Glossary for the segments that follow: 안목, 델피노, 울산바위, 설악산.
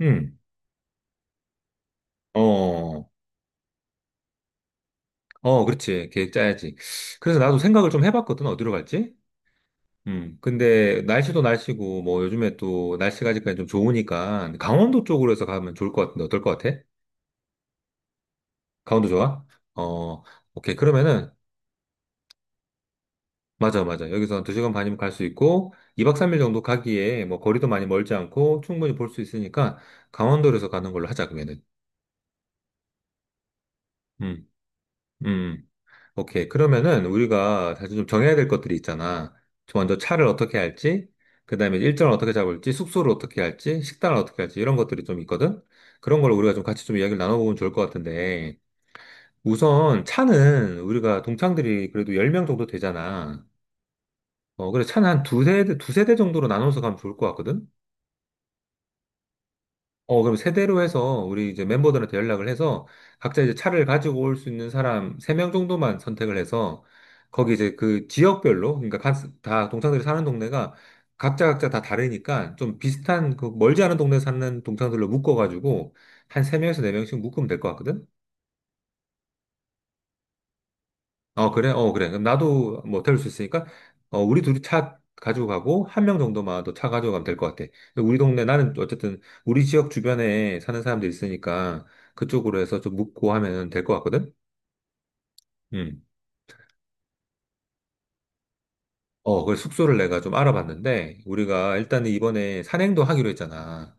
음, 어. 어, 그렇지. 계획 짜야지. 그래서 나도 생각을 좀 해봤거든. 어디로 갈지? 근데 날씨도 날씨고, 뭐 요즘에 또 날씨가 아직까지 좀 좋으니까 강원도 쪽으로 해서 가면 좋을 것 같은데 어떨 것 같아? 강원도 좋아? 어, 오케이. 그러면은, 맞아, 맞아. 여기서 한 2시간 반이면 갈 수 있고, 2박 3일 정도 가기에 뭐 거리도 많이 멀지 않고 충분히 볼 수 있으니까 강원도에서 가는 걸로 하자, 그러면은. 음, 음. 오케이. 그러면은 우리가 사실 좀 정해야 될 것들이 있잖아. 저 먼저 차를 어떻게 할지, 그 다음에 일정을 어떻게 잡을지, 숙소를 어떻게 할지, 식단을 어떻게 할지, 이런 것들이 좀 있거든? 그런 걸 우리가 좀 같이 좀 이야기를 나눠보면 좋을 것 같은데, 우선 차는 우리가 동창들이 그래도 10명 정도 되잖아. 어, 그래서 차는 한 두세 대 정도로 나눠서 가면 좋을 것 같거든? 어, 그럼 세대로 해서 우리 이제 멤버들한테 연락을 해서 각자 이제 차를 가지고 올 수 있는 사람 세 명 정도만 선택을 해서 거기 이제 그 지역별로 그러니까 다 동창들이 사는 동네가 각자 각자 다 다르니까 좀 비슷한 그 멀지 않은 동네 사는 동창들로 묶어가지고 한 세 명에서 네 명씩 묶으면 될 것 같거든? 어, 그래? 어, 그래. 그럼 나도 뭐 태울 수 있으니까, 어, 우리 둘이 차 가지고 가고, 한 명 정도만 더 차 가져가면 될 것 같아. 근데 우리 동네, 나는 어쨌든 우리 지역 주변에 사는 사람들 있으니까, 그쪽으로 해서 좀 묻고 하면 될 것 같거든? 음. 어, 그래서 숙소를 내가 좀 알아봤는데, 우리가 일단 이번에 산행도 하기로 했잖아.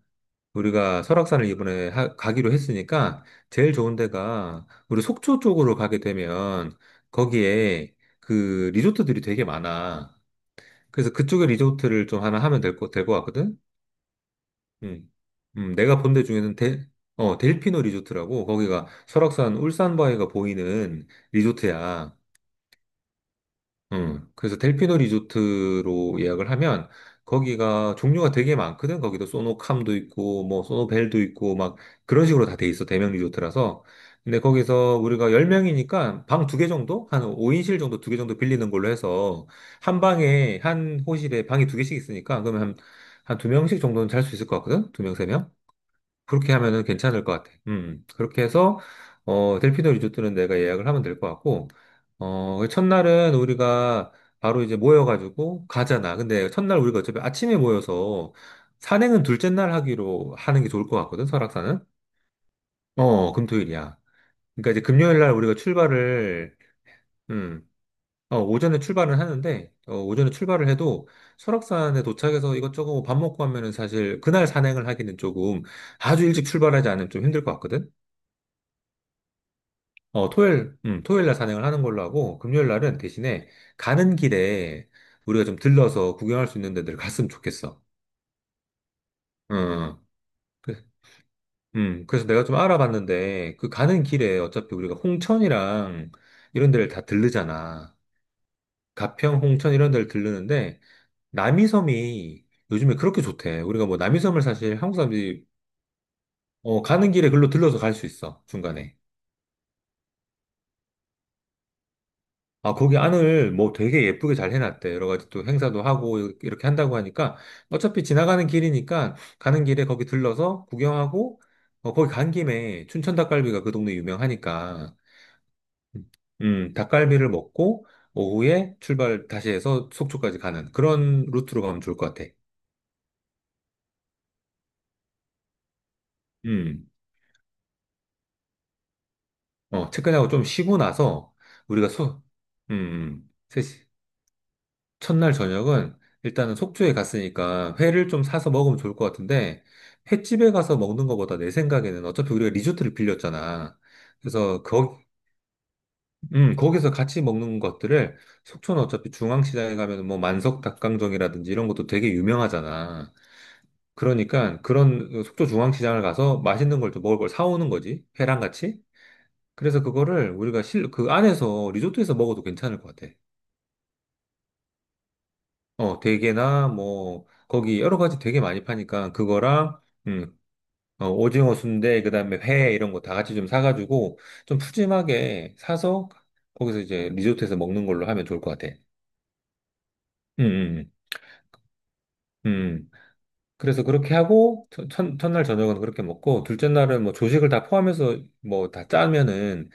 우리가 설악산을 이번에 가기로 했으니까, 제일 좋은 데가, 우리 속초 쪽으로 가게 되면, 거기에 그 리조트들이 되게 많아. 그래서 그쪽에 리조트를 좀 하나 하면 될 것 같거든? 음. 내가 본데 중에는 어, 델피노 리조트라고, 거기가 설악산 울산바위가 보이는 리조트야. 그래서 델피노 리조트로 예약을 하면 거기가 종류가 되게 많거든. 거기도 소노캄도 있고 뭐 소노벨도 있고 막 그런 식으로 다 돼 있어. 대명 리조트라서. 근데 거기서 우리가 10명이니까 방 두 개 정도? 한 5인실 정도 두 개 정도 빌리는 걸로 해서 한 방에 한 호실에 방이 두 개씩 있으니까 그러면 한, 한 두 명씩 정도는 잘 수 있을 것 같거든. 두 명, 세 명. 그렇게 하면은 괜찮을 것 같아. 그렇게 해서, 어, 델피노 리조트는 내가 예약을 하면 될 것 같고, 어, 그 첫날은 우리가 바로 이제 모여가지고 가잖아. 근데 첫날 우리가 어차피 아침에 모여서 산행은 둘째 날 하기로 하는 게 좋을 것 같거든, 설악산은? 어, 금토일이야. 그러니까 이제 금요일 날 우리가 출발을, 음, 어, 오전에 출발을 하는데, 어, 오전에 출발을 해도 설악산에 도착해서 이것저것 밥 먹고 하면은 사실 그날 산행을 하기는 조금 아주 일찍 출발하지 않으면 좀 힘들 것 같거든? 어, 토요일, 토요일 날 산행을 하는 걸로 하고, 금요일 날은 대신에 가는 길에 우리가 좀 들러서 구경할 수 있는 데들 갔으면 좋겠어. 응. 응. 그, 그래서 내가 좀 알아봤는데, 그 가는 길에 어차피 우리가 홍천이랑 이런 데를 다 들르잖아. 가평, 홍천 이런 데를 들르는데, 남이섬이 요즘에 그렇게 좋대. 우리가 뭐 남이섬을 사실 한국 사람들이 어, 가는 길에 글로 들러서 갈 수 있어, 중간에. 아, 거기 안을 뭐 되게 예쁘게 잘 해놨대. 여러 가지 또 행사도 하고 이렇게 한다고 하니까 어차피 지나가는 길이니까 가는 길에 거기 들러서 구경하고 어, 거기 간 김에 춘천 닭갈비가 그 동네 유명하니까 음, 닭갈비를 먹고 오후에 출발 다시 해서 속초까지 가는 그런 루트로 가면 좋을 것 같아. 음, 어, 체크인하고 좀 쉬고 나서 우리가 음, 셋이 첫날 저녁은 일단은 속초에 갔으니까 회를 좀 사서 먹으면 좋을 것 같은데 횟집에 가서 먹는 것보다 내 생각에는 어차피 우리가 리조트를 빌렸잖아. 그래서 거기서 같이 먹는 것들을 속초는 어차피 중앙시장에 가면 뭐 만석 닭강정이라든지 이런 것도 되게 유명하잖아. 그러니까 그런 속초 중앙시장을 가서 맛있는 걸 좀 먹을 걸 사오는 거지. 회랑 같이. 그래서 그거를 우리가 그 안에서 리조트에서 먹어도 괜찮을 것 같아. 어, 대게나 뭐 거기 여러 가지 되게 많이 파니까 그거랑 음, 어, 오징어 순대 그다음에 회 이런 거 다 같이 좀 사가지고 좀 푸짐하게 사서 거기서 이제 리조트에서 먹는 걸로 하면 좋을 것 같아. 음, 음, 음. 음. 그래서 그렇게 하고 첫날 저녁은 그렇게 먹고 둘째 날은 뭐 조식을 다 포함해서 뭐 다 짜면은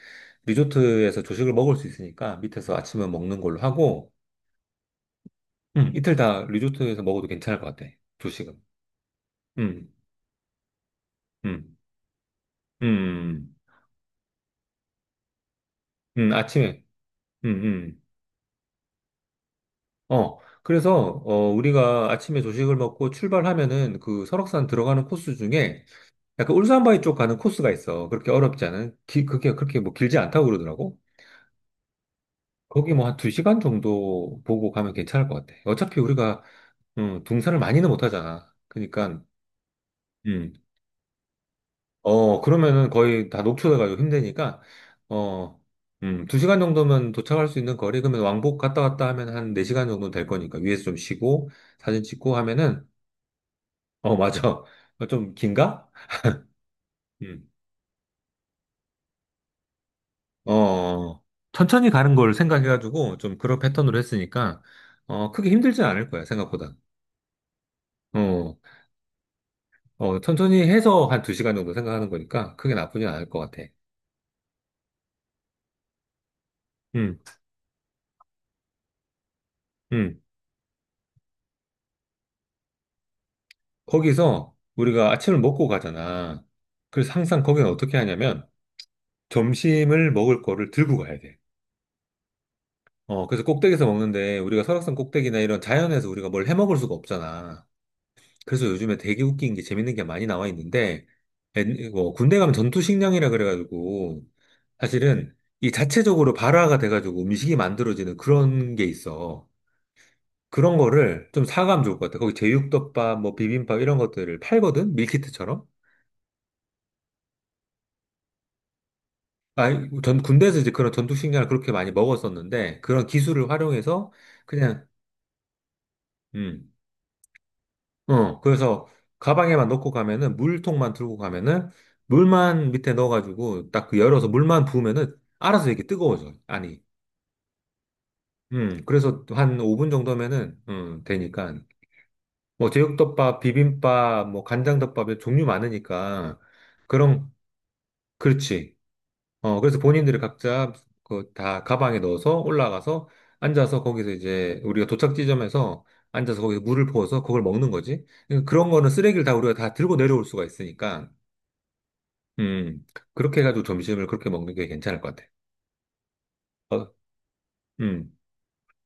리조트에서 조식을 먹을 수 있으니까 밑에서 아침은 먹는 걸로 하고 이틀 다 리조트에서 먹어도 괜찮을 것 같아. 조식은. 음, 음, 음. 음, 음. 아침에. 음, 음. 어. 그래서, 어, 우리가 아침에 조식을 먹고 출발하면은 그 설악산 들어가는 코스 중에 약간 울산바위 쪽 가는 코스가 있어. 그렇게 어렵지 않은, 그게 그렇게 뭐 길지 않다고 그러더라고. 거기 뭐 한 두 시간 정도 보고 가면 괜찮을 것 같아. 어차피 우리가, 등산을 많이는 못 하잖아. 그러니까, 음. 어, 그러면은 거의 다 녹초돼 가지고 힘드니까, 어, 두 시간 정도면 도착할 수 있는 거리, 그러면 왕복 갔다 왔다 하면 한 네 시간 정도 될 거니까, 위에서 좀 쉬고, 사진 찍고 하면은, 어, 맞아. 좀 긴가? 음, 어, 어, 어. 천천히 가는 걸 생각해가지고, 좀 그런 패턴으로 했으니까, 어, 크게 힘들진 않을 거야, 생각보다. 어, 어, 천천히 해서 한 두 시간 정도 생각하는 거니까, 크게 나쁘진 않을 것 같아. 음, 음. 거기서 우리가 아침을 먹고 가잖아. 그래서 항상 거기는 어떻게 하냐면 점심을 먹을 거를 들고 가야 돼. 어, 그래서 꼭대기에서 먹는데 우리가 설악산 꼭대기나 이런 자연에서 우리가 뭘 해 먹을 수가 없잖아. 그래서 요즘에 되게 웃긴 게 재밌는 게 많이 나와 있는데 뭐 군대 가면 전투식량이라 그래가지고 사실은 이 자체적으로 발화가 돼가지고 음식이 만들어지는 그런 게 있어. 그런 거를 좀 사가면 좋을 것 같아. 거기 제육덮밥, 뭐 비빔밥 이런 것들을 팔거든? 밀키트처럼? 아, 전 군대에서 이제 그런 전투식량을 그렇게 많이 먹었었는데, 그런 기술을 활용해서 그냥, 음, 어, 그래서 가방에만 넣고 가면은, 물통만 들고 가면은, 물만 밑에 넣어가지고, 딱그 열어서 물만 부으면은, 알아서 이게 렇 뜨거워져요. 아니, 그래서 한 5분 정도면은, 되니까. 뭐, 제육덮밥, 비빔밥, 뭐, 간장덮밥에 종류 많으니까, 그런, 그렇지. 어, 그래서 본인들이 각자 그 다 가방에 넣어서 올라가서 앉아서 거기서 이제 우리가 도착 지점에서 앉아서 거기서 물을 부어서 그걸 먹는 거지. 그런 거는 쓰레기를 다 우리가 다 들고 내려올 수가 있으니까, 음, 그렇게 해가지고 점심을 그렇게 먹는 게 괜찮을 것 같아. 어, 음,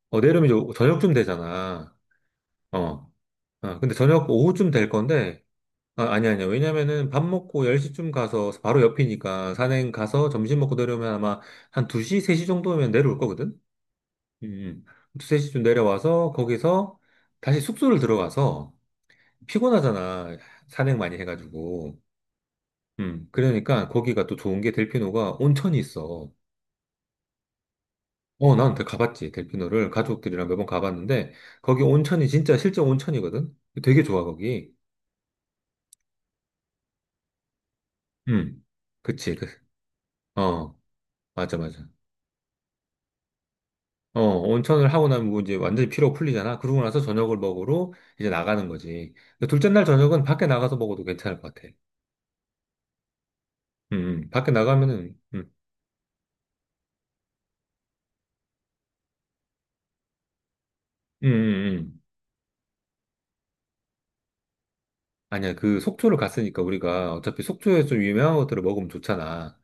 어, 내려면 이제 저녁쯤 되잖아. 어, 어, 근데 저녁 오후쯤 될 건데, 아, 아니, 아니야. 왜냐면은 밥 먹고 10시쯤 가서 바로 옆이니까 산행 가서 점심 먹고 내려오면 아마 한 2시, 3시 정도면 내려올 거거든? 음, 두세 시쯤 내려와서 거기서 다시 숙소를 들어가서 피곤하잖아. 산행 많이 해가지고. 그러니까 거기가 또 좋은 게 델피노가 온천이 있어. 어, 난 가봤지. 델피노를 가족들이랑 몇 번 가봤는데 거기 온천이 진짜 실제 온천이거든. 되게 좋아 거기. 음, 그치. 어, 맞아, 맞아. 어, 온천을 하고 나면 뭐 이제 완전히 피로 풀리잖아. 그러고 나서 저녁을 먹으러 이제 나가는 거지. 근데 둘째 날 저녁은 밖에 나가서 먹어도 괜찮을 것 같아. 밖에 나가면은, 음, 음, 음. 아니야, 그 속초를 갔으니까 우리가 어차피 속초에서 좀 유명한 것들을 먹으면 좋잖아.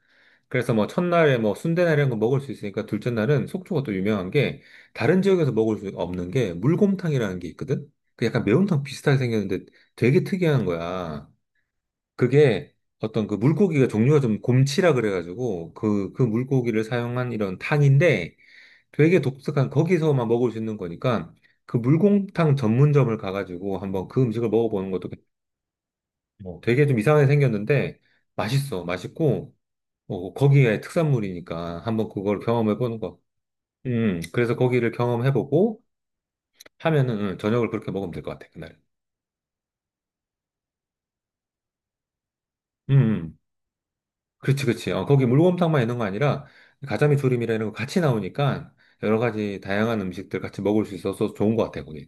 그래서 뭐 첫날에 뭐 순대나 이런 거 먹을 수 있으니까 둘째 날은 속초가 또 유명한 게 다른 지역에서 먹을 수 없는 게 물곰탕이라는 게 있거든? 그 약간 매운탕 비슷하게 생겼는데 되게 특이한 거야. 그게 어떤 그 물고기가 종류가 좀 곰치라 그래가지고 그 물고기를 사용한 이런 탕인데 되게 독특한 거기서만 먹을 수 있는 거니까 그 물곰탕 전문점을 가가지고 한번 그 음식을 먹어보는 것도. 어, 되게 좀 이상하게 생겼는데 맛있어, 맛있고 어, 거기에 특산물이니까 한번 그걸 경험해보는 거. 음, 그래서 거기를 경험해보고 하면은 저녁을 그렇게 먹으면 될 것 같아 그날. 음, 그렇지, 그렇지. 어, 거기 물곰탕만 있는 거 아니라 가자미 조림이라 이런 거 같이 나오니까 여러 가지 다양한 음식들 같이 먹을 수 있어서 좋은 것 같아 거기.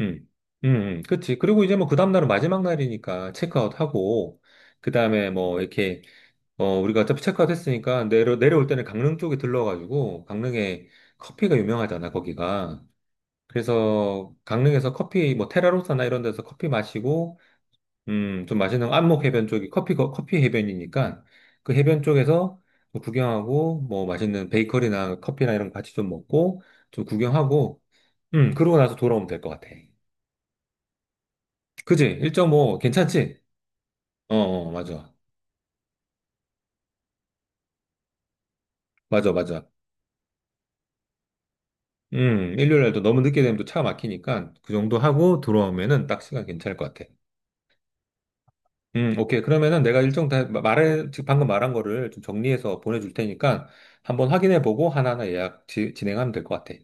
음, 음, 그치. 그리고 이제 뭐 그 다음날은 마지막 날이니까 체크아웃 하고, 그 다음에 뭐 이렇게, 어, 우리가 어차피 체크아웃 했으니까 내려올 때는 강릉 쪽에 들러가지고, 강릉에 커피가 유명하잖아, 거기가. 그래서 강릉에서 커피, 뭐 테라로사나 이런 데서 커피 마시고, 좀 맛있는 안목 해변 쪽이 커피, 커피 해변이니까 그 해변 쪽에서 뭐 구경하고, 뭐 맛있는 베이커리나 커피나 이런 거 같이 좀 먹고, 좀 구경하고, 그러고 나서 돌아오면 될 것 같아. 그지? 1.5 괜찮지? 어, 어, 맞아. 맞아, 맞아. 일요일 날도 너무 늦게 되면 또 차 막히니까 그 정도 하고 들어오면은 딱 시간 괜찮을 것 같아. 오케이. 그러면은 내가 일정 다 말해, 지금 방금 말한 거를 좀 정리해서 보내줄 테니까 한번 확인해 보고 하나하나 예약 진행하면 될 것 같아.